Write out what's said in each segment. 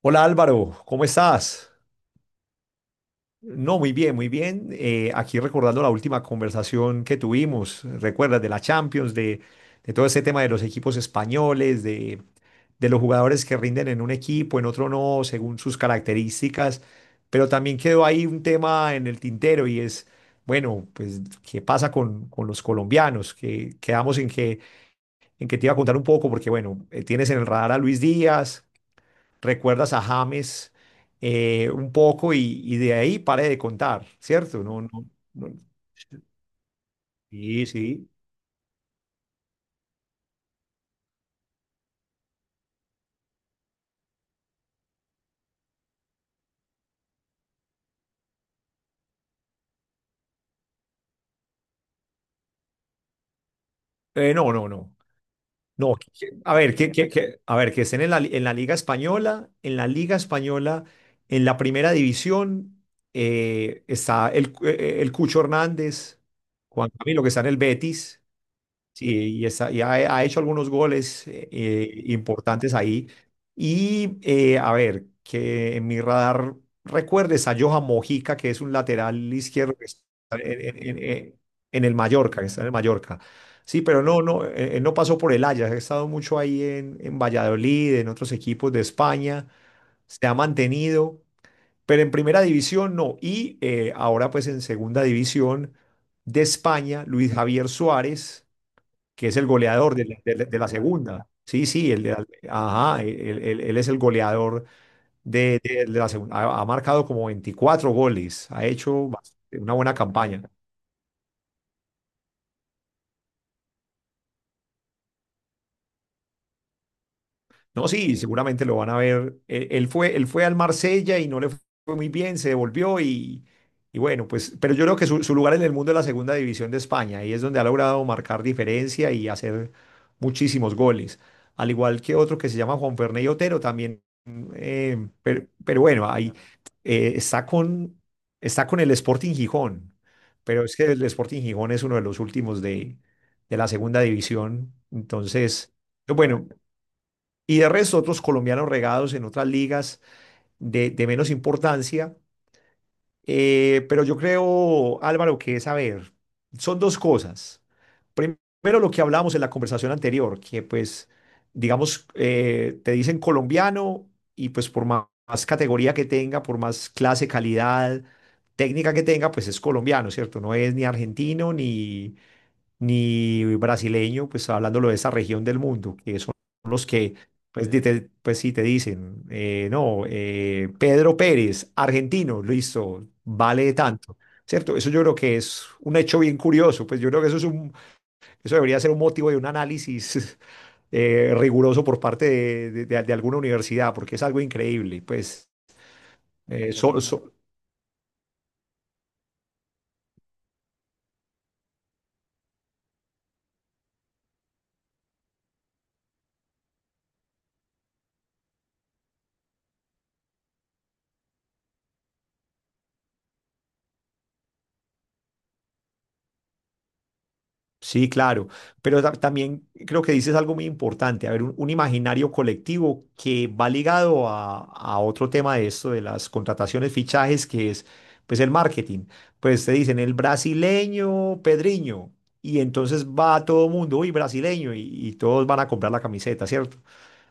Hola Álvaro, ¿cómo estás? No, muy bien, muy bien. Aquí recordando la última conversación que tuvimos, recuerdas de la Champions, de todo ese tema de los equipos españoles, de los jugadores que rinden en un equipo, en otro no, según sus características, pero también quedó ahí un tema en el tintero y es, bueno, pues, ¿qué pasa con los colombianos? Que quedamos en que te iba a contar un poco, porque bueno, tienes en el radar a Luis Díaz, recuerdas a James, un poco y de ahí pare de contar, ¿cierto? No, no, no. Sí, sí. No, no, no. No, a ver, que a ver, que estén en la, en la Liga Española, en la Liga Española, en la Primera División, está el, el Cucho Hernández, Juan Camilo, que está en el Betis. Sí, y, está, ha hecho algunos goles importantes ahí. Y a ver, que en mi radar recuerdes a Johan Mojica, que es un lateral izquierdo que está en, en el Mallorca, que está en el Mallorca. Sí, pero no, no, él no pasó por el Ajax, ha estado mucho ahí en Valladolid, en otros equipos de España, se ha mantenido, pero en primera división no. Y ahora pues en segunda división de España, Luis Javier Suárez, que es el goleador de la, de la segunda. Sí, sí, el, ajá, él, él es el goleador de, de la segunda. Ha marcado como 24 goles, ha hecho una buena campaña. No, sí, seguramente lo van a ver. Él, él fue al Marsella y no le fue muy bien, se devolvió y bueno, pues, pero yo creo que su lugar en el mundo es la segunda división de España y es donde ha logrado marcar diferencia y hacer muchísimos goles. Al igual que otro que se llama Juan Ferney Otero también. Eh, pero bueno, ahí eh, está con, está con el Sporting Gijón, pero es que el Sporting Gijón es uno de los últimos de la segunda división. Entonces, bueno, y de resto otros colombianos regados en otras ligas de menos importancia. Pero yo creo, Álvaro, que es, a ver, son dos cosas. Primero, lo que hablamos en la conversación anterior, que pues, digamos, te dicen colombiano y pues por más, más categoría que tenga, por más clase, calidad, técnica que tenga, pues es colombiano, ¿cierto? No es ni argentino, ni brasileño, pues hablándolo de esa región del mundo, que son los que, pues, pues sí te dicen, no, Pedro Pérez, argentino, listo, vale tanto. ¿Cierto? Eso yo creo que es un hecho bien curioso, pues yo creo que eso es un, eso debería ser un motivo de un análisis riguroso por parte de, de alguna universidad, porque es algo increíble, pues eh, so- so- sí, claro, pero también creo que dices algo muy importante, a ver, un imaginario colectivo que va ligado a otro tema de esto, de las contrataciones, fichajes, que es pues el marketing. Pues te dicen el brasileño Pedriño y entonces va todo el mundo, uy, brasileño, y todos van a comprar la camiseta, ¿cierto?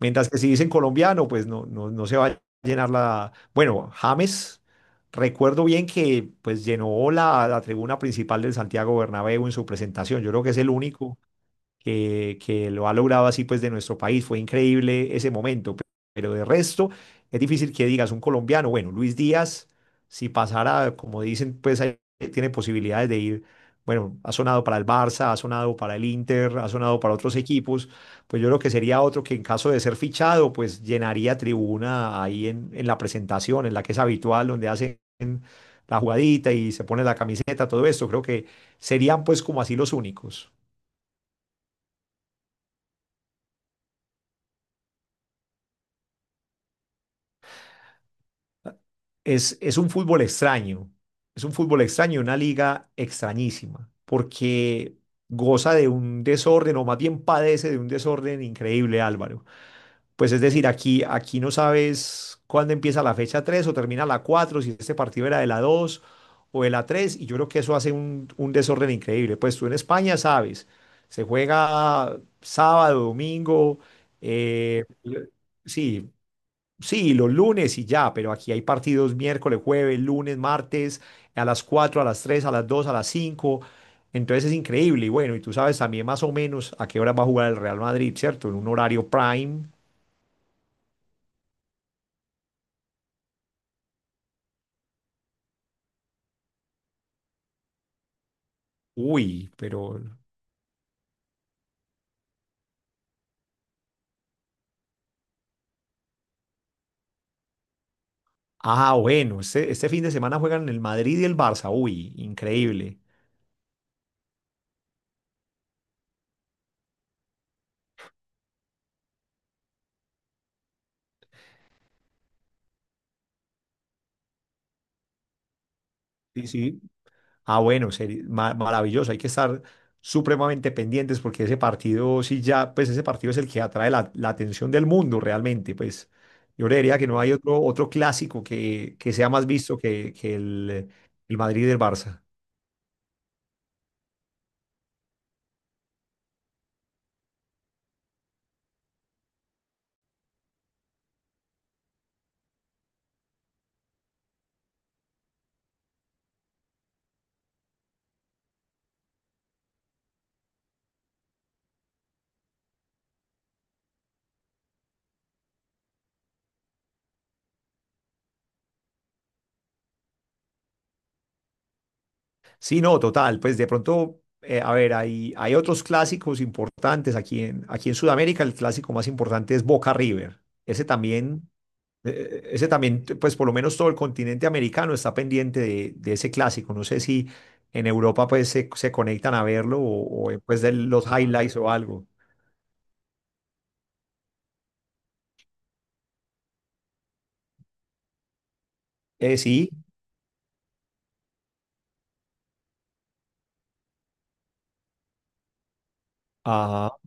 Mientras que si dicen colombiano, pues no, no, no se va a llenar la... Bueno, James, recuerdo bien que pues llenó la, la tribuna principal del Santiago Bernabéu en su presentación. Yo creo que es el único que lo ha logrado así pues de nuestro país. Fue increíble ese momento, pero de resto es difícil que digas un colombiano, bueno, Luis Díaz, si pasara, como dicen, pues ahí tiene posibilidades de ir. Bueno, ha sonado para el Barça, ha sonado para el Inter, ha sonado para otros equipos. Pues yo creo que sería otro que en caso de ser fichado, pues llenaría tribuna ahí en la presentación, en la que es habitual, donde hacen la jugadita y se pone la camiseta, todo esto. Creo que serían pues como así los únicos. Es un fútbol extraño, es un fútbol extraño, una liga extrañísima, porque goza de un desorden, o más bien padece de un desorden increíble, Álvaro. Pues es decir, aquí no sabes cuándo empieza la fecha 3 o termina la cuatro, si este partido era de la 2 o de la tres, y yo creo que eso hace un desorden increíble. Pues tú en España sabes, se juega sábado, domingo, eh, sí, sí, los lunes y ya, pero aquí hay partidos miércoles, jueves, lunes, martes, a las 4, a las 3, a las 2, a las 5. Entonces es increíble. Y bueno, y tú sabes también más o menos a qué hora va a jugar el Real Madrid, ¿cierto? En un horario prime. Uy, pero... Ah, bueno, este fin de semana juegan el Madrid y el Barça. Uy, increíble. Sí, sí. Ah, bueno, maravilloso. Hay que estar supremamente pendientes porque ese partido, sí, ya, pues ese partido es el que atrae la, la atención del mundo realmente. Pues yo creería que no hay otro, otro clásico que sea más visto que el Madrid del Barça. Sí, no, total. Pues de pronto, a ver, hay otros clásicos importantes aquí en, aquí en Sudamérica. El clásico más importante es Boca River. Ese también. Ese también, pues por lo menos todo el continente americano está pendiente de ese clásico. No sé si en Europa pues se conectan a verlo o, pues de los highlights o algo. Sí. Ah,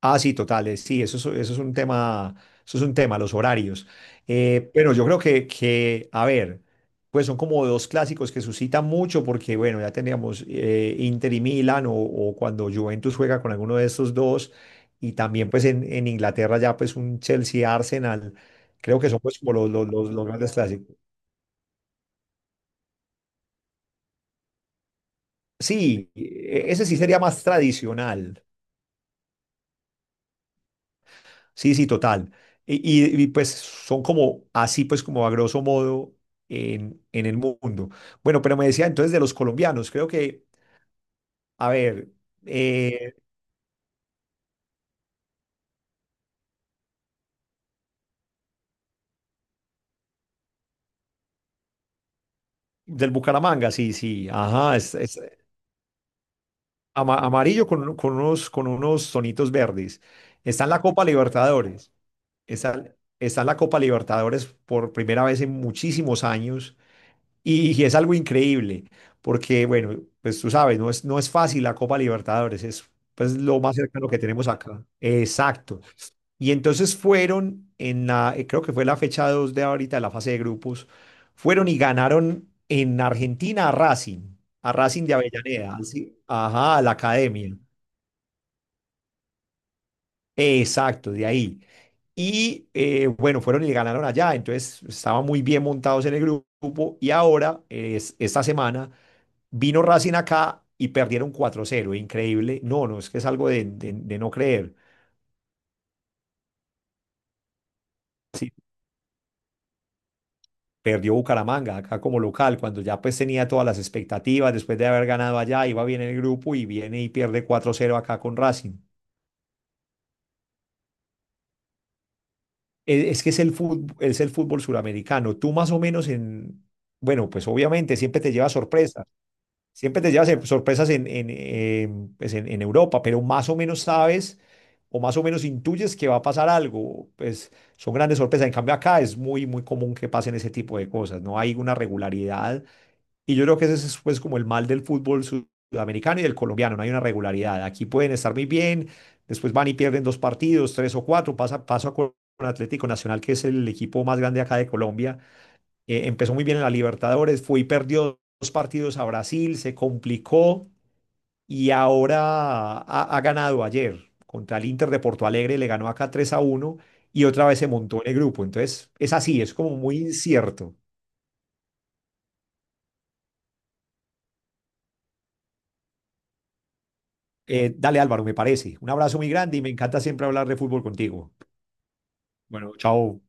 ah, sí, totales, sí, eso es un tema, eso es un tema, los horarios. Bueno, yo creo que, a ver, pues son como dos clásicos que suscitan mucho porque, bueno, ya teníamos Inter y Milan o cuando Juventus juega con alguno de estos dos y también pues en Inglaterra ya pues un Chelsea-Arsenal, creo que son pues como los grandes clásicos. Sí, ese sí sería más tradicional. Sí, sí, total. Y, pues son como así, pues como a grosso modo en el mundo. Bueno, pero me decía entonces de los colombianos, creo que, a ver, eh, del Bucaramanga, sí, sí, ajá, es amarillo con, con unos tonitos verdes. Está en la Copa Libertadores, está, está en la Copa Libertadores por primera vez en muchísimos años. Y, es algo increíble, porque, bueno, pues tú sabes, no es, no es fácil la Copa Libertadores, es pues, lo más cercano que tenemos acá. Exacto. Y entonces fueron en la, creo que fue la fecha 2 de ahorita, de la fase de grupos, fueron y ganaron en Argentina a Racing de Avellaneda, así, ajá, a la academia. Exacto, de ahí. Y bueno, fueron y le ganaron allá, entonces estaban muy bien montados en el grupo y ahora, es, esta semana, vino Racing acá y perdieron 4-0, increíble. No, no, es que es algo de, de no creer. Sí, perdió Bucaramanga acá como local, cuando ya pues tenía todas las expectativas, después de haber ganado allá, iba bien en el grupo y viene y pierde 4-0 acá con Racing. Es, que es el fútbol suramericano. Tú más o menos en, bueno, pues obviamente siempre te lleva sorpresa. Siempre te llevas sorpresas en, pues, en Europa, pero más o menos sabes o más o menos intuyes que va a pasar algo. Pues son grandes sorpresas. En cambio, acá es muy, muy común que pasen ese tipo de cosas. No hay una regularidad. Y yo creo que ese es pues, como el mal del fútbol sudamericano y del colombiano. No hay una regularidad. Aquí pueden estar muy bien, después van y pierden dos partidos, tres o cuatro. Pasa, paso con Atlético Nacional, que es el equipo más grande acá de Colombia, empezó muy bien en la Libertadores, fue y perdió dos partidos a Brasil, se complicó y ahora ha, ha ganado ayer contra el Inter de Porto Alegre, le ganó acá 3-1 y otra vez se montó en el grupo. Entonces, es así, es como muy incierto. Dale Álvaro, me parece. Un abrazo muy grande y me encanta siempre hablar de fútbol contigo. Bueno, chao.